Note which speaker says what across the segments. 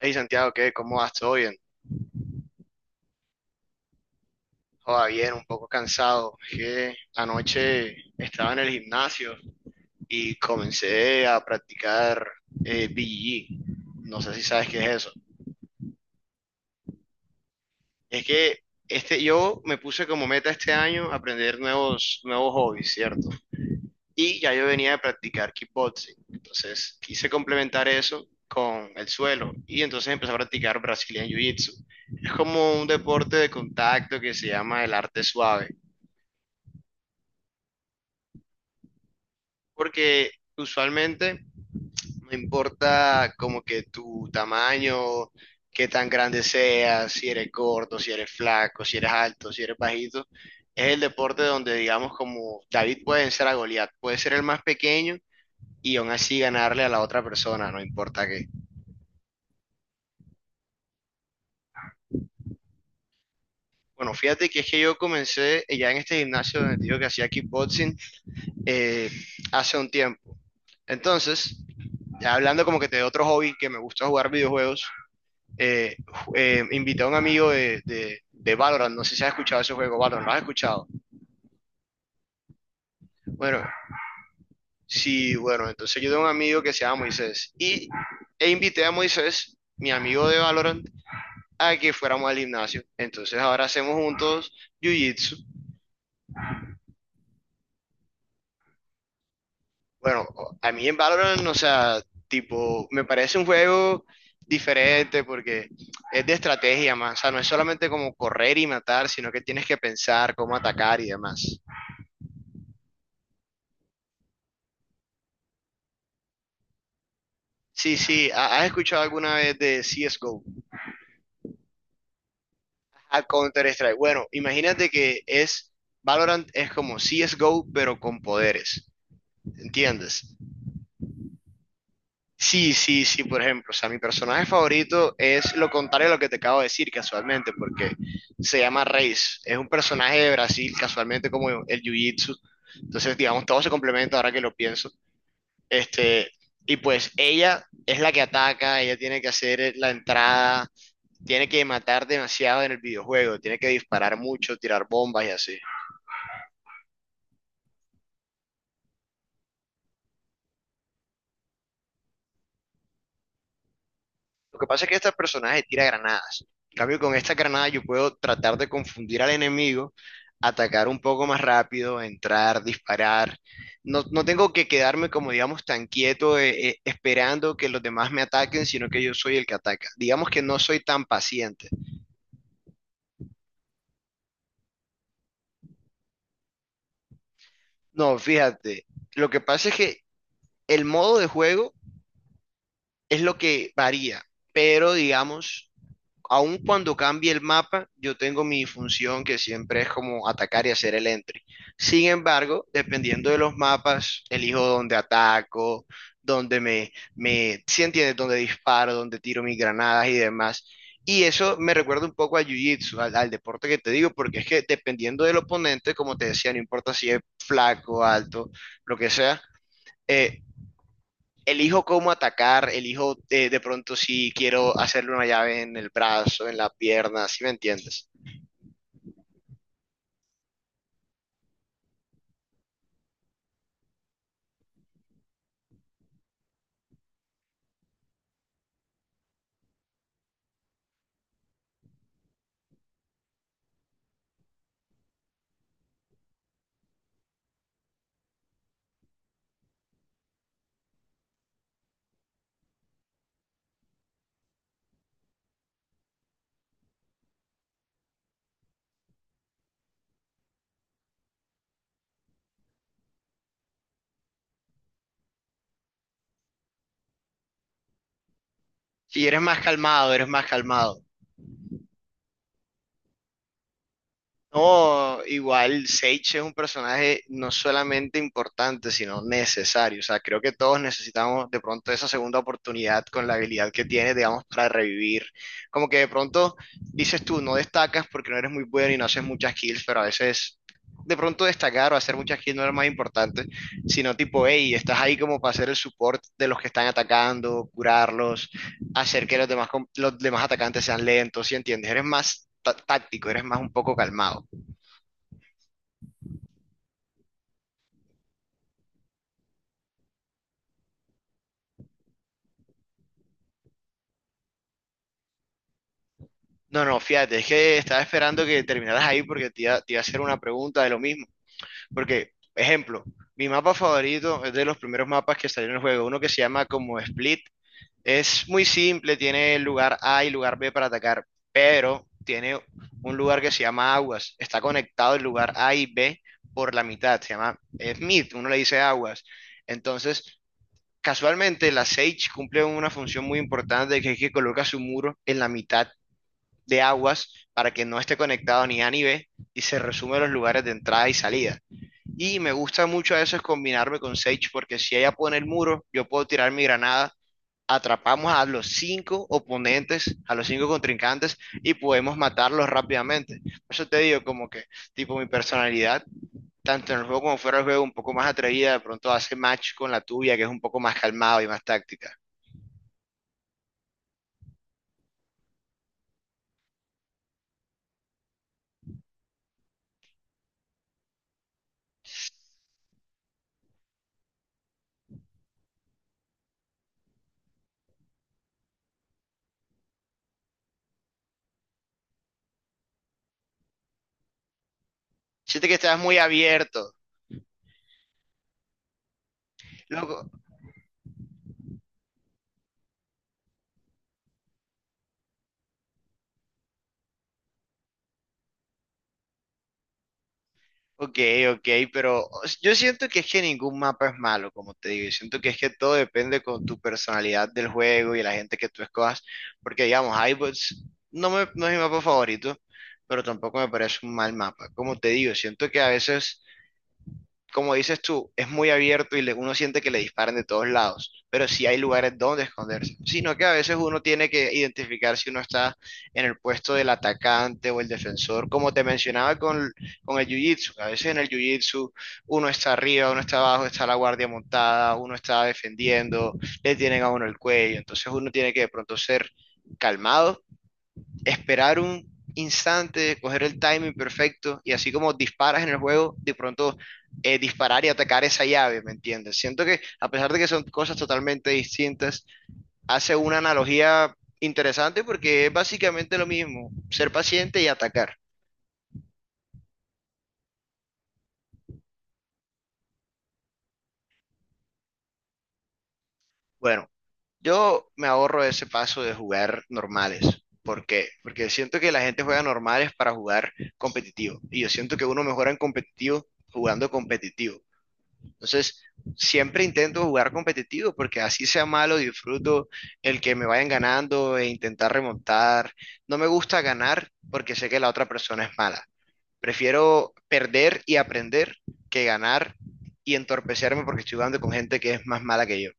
Speaker 1: Hey Santiago, ¿qué? ¿Cómo vas? ¿Todo bien? Joda, bien, un poco cansado. Es que anoche estaba en el gimnasio y comencé a practicar BJJ. No sé si sabes qué es eso. Es que yo me puse como meta este año aprender nuevos hobbies, ¿cierto? Y ya yo venía de practicar kickboxing. Entonces quise complementar eso con el suelo y entonces empecé a practicar Brazilian Jiu-Jitsu. Es como un deporte de contacto que se llama el arte suave. Porque usualmente no importa como que tu tamaño, qué tan grande seas, si eres gordo, si eres flaco, si eres alto, si eres bajito, es el deporte donde digamos como David puede vencer a Goliat, puede ser el más pequeño y aún así ganarle a la otra persona, no importa qué. Bueno, fíjate que es que yo comencé ya en este gimnasio donde te digo que hacía kickboxing eh, hace un tiempo. Entonces, ya hablando como que de otro hobby que me gusta jugar videojuegos, eh, invité a un amigo de Valorant, no sé si has escuchado ese juego, Valorant, ¿lo has escuchado? Bueno, sí, bueno, entonces yo tengo un amigo que se llama Moisés y e invité a Moisés, mi amigo de Valorant, a que fuéramos al gimnasio. Entonces ahora hacemos juntos Jiu-Jitsu. Bueno, a mí en Valorant, o sea, tipo, me parece un juego diferente porque es de estrategia más, o sea, no es solamente como correr y matar, sino que tienes que pensar cómo atacar y demás. Sí, sí, ¿has escuchado alguna vez de CSGO? A Counter-Strike. Bueno, imagínate que es, Valorant es como CSGO, pero con poderes, ¿entiendes? Sí, sí, sí, por ejemplo, o sea, mi personaje favorito es lo contrario a lo que te acabo de decir casualmente, porque se llama Reis, es un personaje de Brasil, casualmente como el Jiu-Jitsu, entonces, digamos, todo se complementa ahora que lo pienso. Este, y pues ella es la que ataca, ella tiene que hacer la entrada, tiene que matar demasiado en el videojuego, tiene que disparar mucho, tirar bombas y así. Lo que pasa es que este personaje tira granadas. En cambio, con esta granada yo puedo tratar de confundir al enemigo, atacar un poco más rápido, entrar, disparar. No, no tengo que quedarme como, digamos, tan quieto esperando que los demás me ataquen, sino que yo soy el que ataca. Digamos que no soy tan paciente. No, fíjate, lo que pasa es que el modo de juego es lo que varía, pero digamos aun cuando cambie el mapa, yo tengo mi función que siempre es como atacar y hacer el entry. Sin embargo, dependiendo de los mapas, elijo dónde ataco, dónde si entiendes, dónde disparo, dónde tiro mis granadas y demás. Y eso me recuerda un poco a Jiu-Jitsu, al deporte que te digo, porque es que dependiendo del oponente, como te decía, no importa si es flaco, alto, lo que sea, eh, elijo cómo atacar, elijo de pronto si quiero hacerle una llave en el brazo, en la pierna, ¿si me entiendes? Si eres más calmado, eres más calmado. No, igual Sage es un personaje no solamente importante, sino necesario. O sea, creo que todos necesitamos de pronto esa segunda oportunidad con la habilidad que tiene, digamos, para revivir. Como que de pronto dices tú, no destacas porque no eres muy bueno y no haces muchas kills, pero a veces de pronto destacar o hacer muchas kills no es lo más importante, sino tipo, hey, estás ahí como para hacer el support de los que están atacando, curarlos, hacer que los demás, los demás atacantes sean lentos, ¿sí entiendes? Eres más... táctico, eres más un poco calmado. No, no, fíjate, es que estaba esperando que terminaras ahí porque te iba a hacer una pregunta de lo mismo. Porque, ejemplo, mi mapa favorito es de los primeros mapas que salieron en el juego, uno que se llama como Split. Es muy simple, tiene lugar A y lugar B para atacar, pero tiene un lugar que se llama Aguas. Está conectado el lugar A y B por la mitad, se llama Smith, uno le dice Aguas. Entonces, casualmente la Sage cumple una función muy importante que es que coloca su muro en la mitad de aguas para que no esté conectado ni A ni B y se resume los lugares de entrada y salida. Y me gusta mucho a veces combinarme con Sage porque si ella pone el muro, yo puedo tirar mi granada, atrapamos a los 5 oponentes, a los 5 contrincantes y podemos matarlos rápidamente. Por eso te digo como que tipo mi personalidad, tanto en el juego como fuera del juego, un poco más atrevida, de pronto hace match con la tuya que es un poco más calmado y más táctica. Siente que estás muy abierto. Loco, ok, ok, pero yo siento que es que ningún mapa es malo, como te digo, y siento que es que todo depende con tu personalidad del juego y la gente que tú escojas, porque digamos, iBots no, no es mi mapa favorito, pero tampoco me parece un mal mapa. Como te digo, siento que a veces como dices tú, es muy abierto y uno siente que le disparan de todos lados, pero sí hay lugares donde esconderse, sino que a veces uno tiene que identificar si uno está en el puesto del atacante o el defensor, como te mencionaba con el jiu-jitsu, a veces en el jiu-jitsu uno está arriba, uno está abajo, está la guardia montada, uno está defendiendo, le tienen a uno el cuello, entonces uno tiene que de pronto ser calmado, esperar un instante, coger el timing perfecto y así como disparas en el juego, de pronto disparar y atacar esa llave, ¿me entiendes? Siento que a pesar de que son cosas totalmente distintas, hace una analogía interesante porque es básicamente lo mismo, ser paciente y atacar. Bueno, yo me ahorro ese paso de jugar normales. ¿Por qué? Porque siento que la gente juega normales para jugar competitivo y yo siento que uno mejora en competitivo jugando competitivo. Entonces, siempre intento jugar competitivo porque así sea malo, disfruto el que me vayan ganando e intentar remontar. No me gusta ganar porque sé que la otra persona es mala. Prefiero perder y aprender que ganar y entorpecerme porque estoy jugando con gente que es más mala que yo.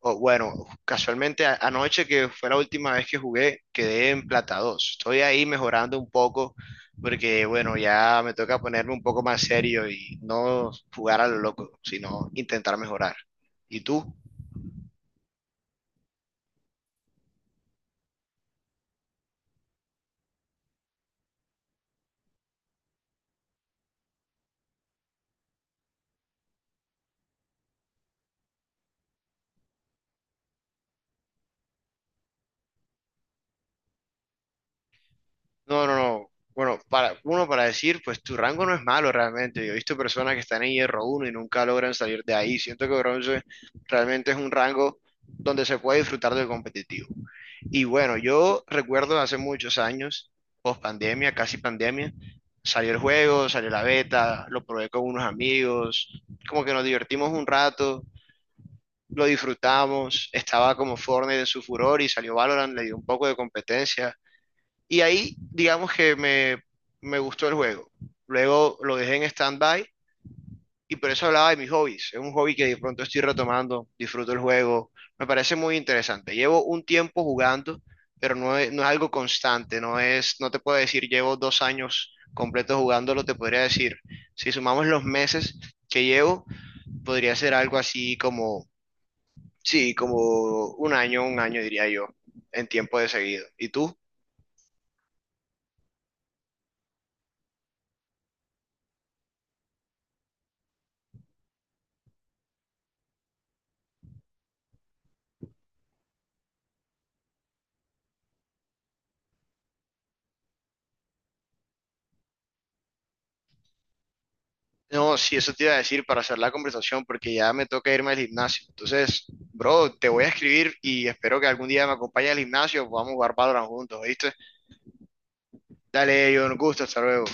Speaker 1: O, bueno, casualmente anoche que fue la última vez que jugué, quedé en plata dos. Estoy ahí mejorando un poco porque, bueno, ya me toca ponerme un poco más serio y no jugar a lo loco, sino intentar mejorar. ¿Y tú? No, no, no. Bueno, para uno para decir, pues tu rango no es malo realmente. Yo he visto personas que están en hierro uno y nunca logran salir de ahí. Siento que bronce realmente es un rango donde se puede disfrutar del competitivo. Y bueno, yo recuerdo hace muchos años, post pandemia, casi pandemia, salió el juego, salió la beta, lo probé con unos amigos, como que nos divertimos un rato, lo disfrutamos, estaba como Fortnite en su furor y salió Valorant, le dio un poco de competencia y ahí, digamos me gustó el juego. Luego lo dejé en stand-by y por eso hablaba de mis hobbies. Es un hobby que de pronto estoy retomando, disfruto el juego, me parece muy interesante. Llevo un tiempo jugando, pero no es algo constante, no te puedo decir llevo 2 años completos jugándolo, te podría decir, si sumamos los meses que llevo, podría ser algo así como, sí, como un año diría yo, en tiempo de seguido. ¿Y tú? No, sí, eso te iba a decir para hacer la conversación, porque ya me toca irme al gimnasio. Entonces, bro, te voy a escribir y espero que algún día me acompañes al gimnasio, podamos jugar Valorant juntos, ¿viste? Dale, yo un gusto, hasta luego.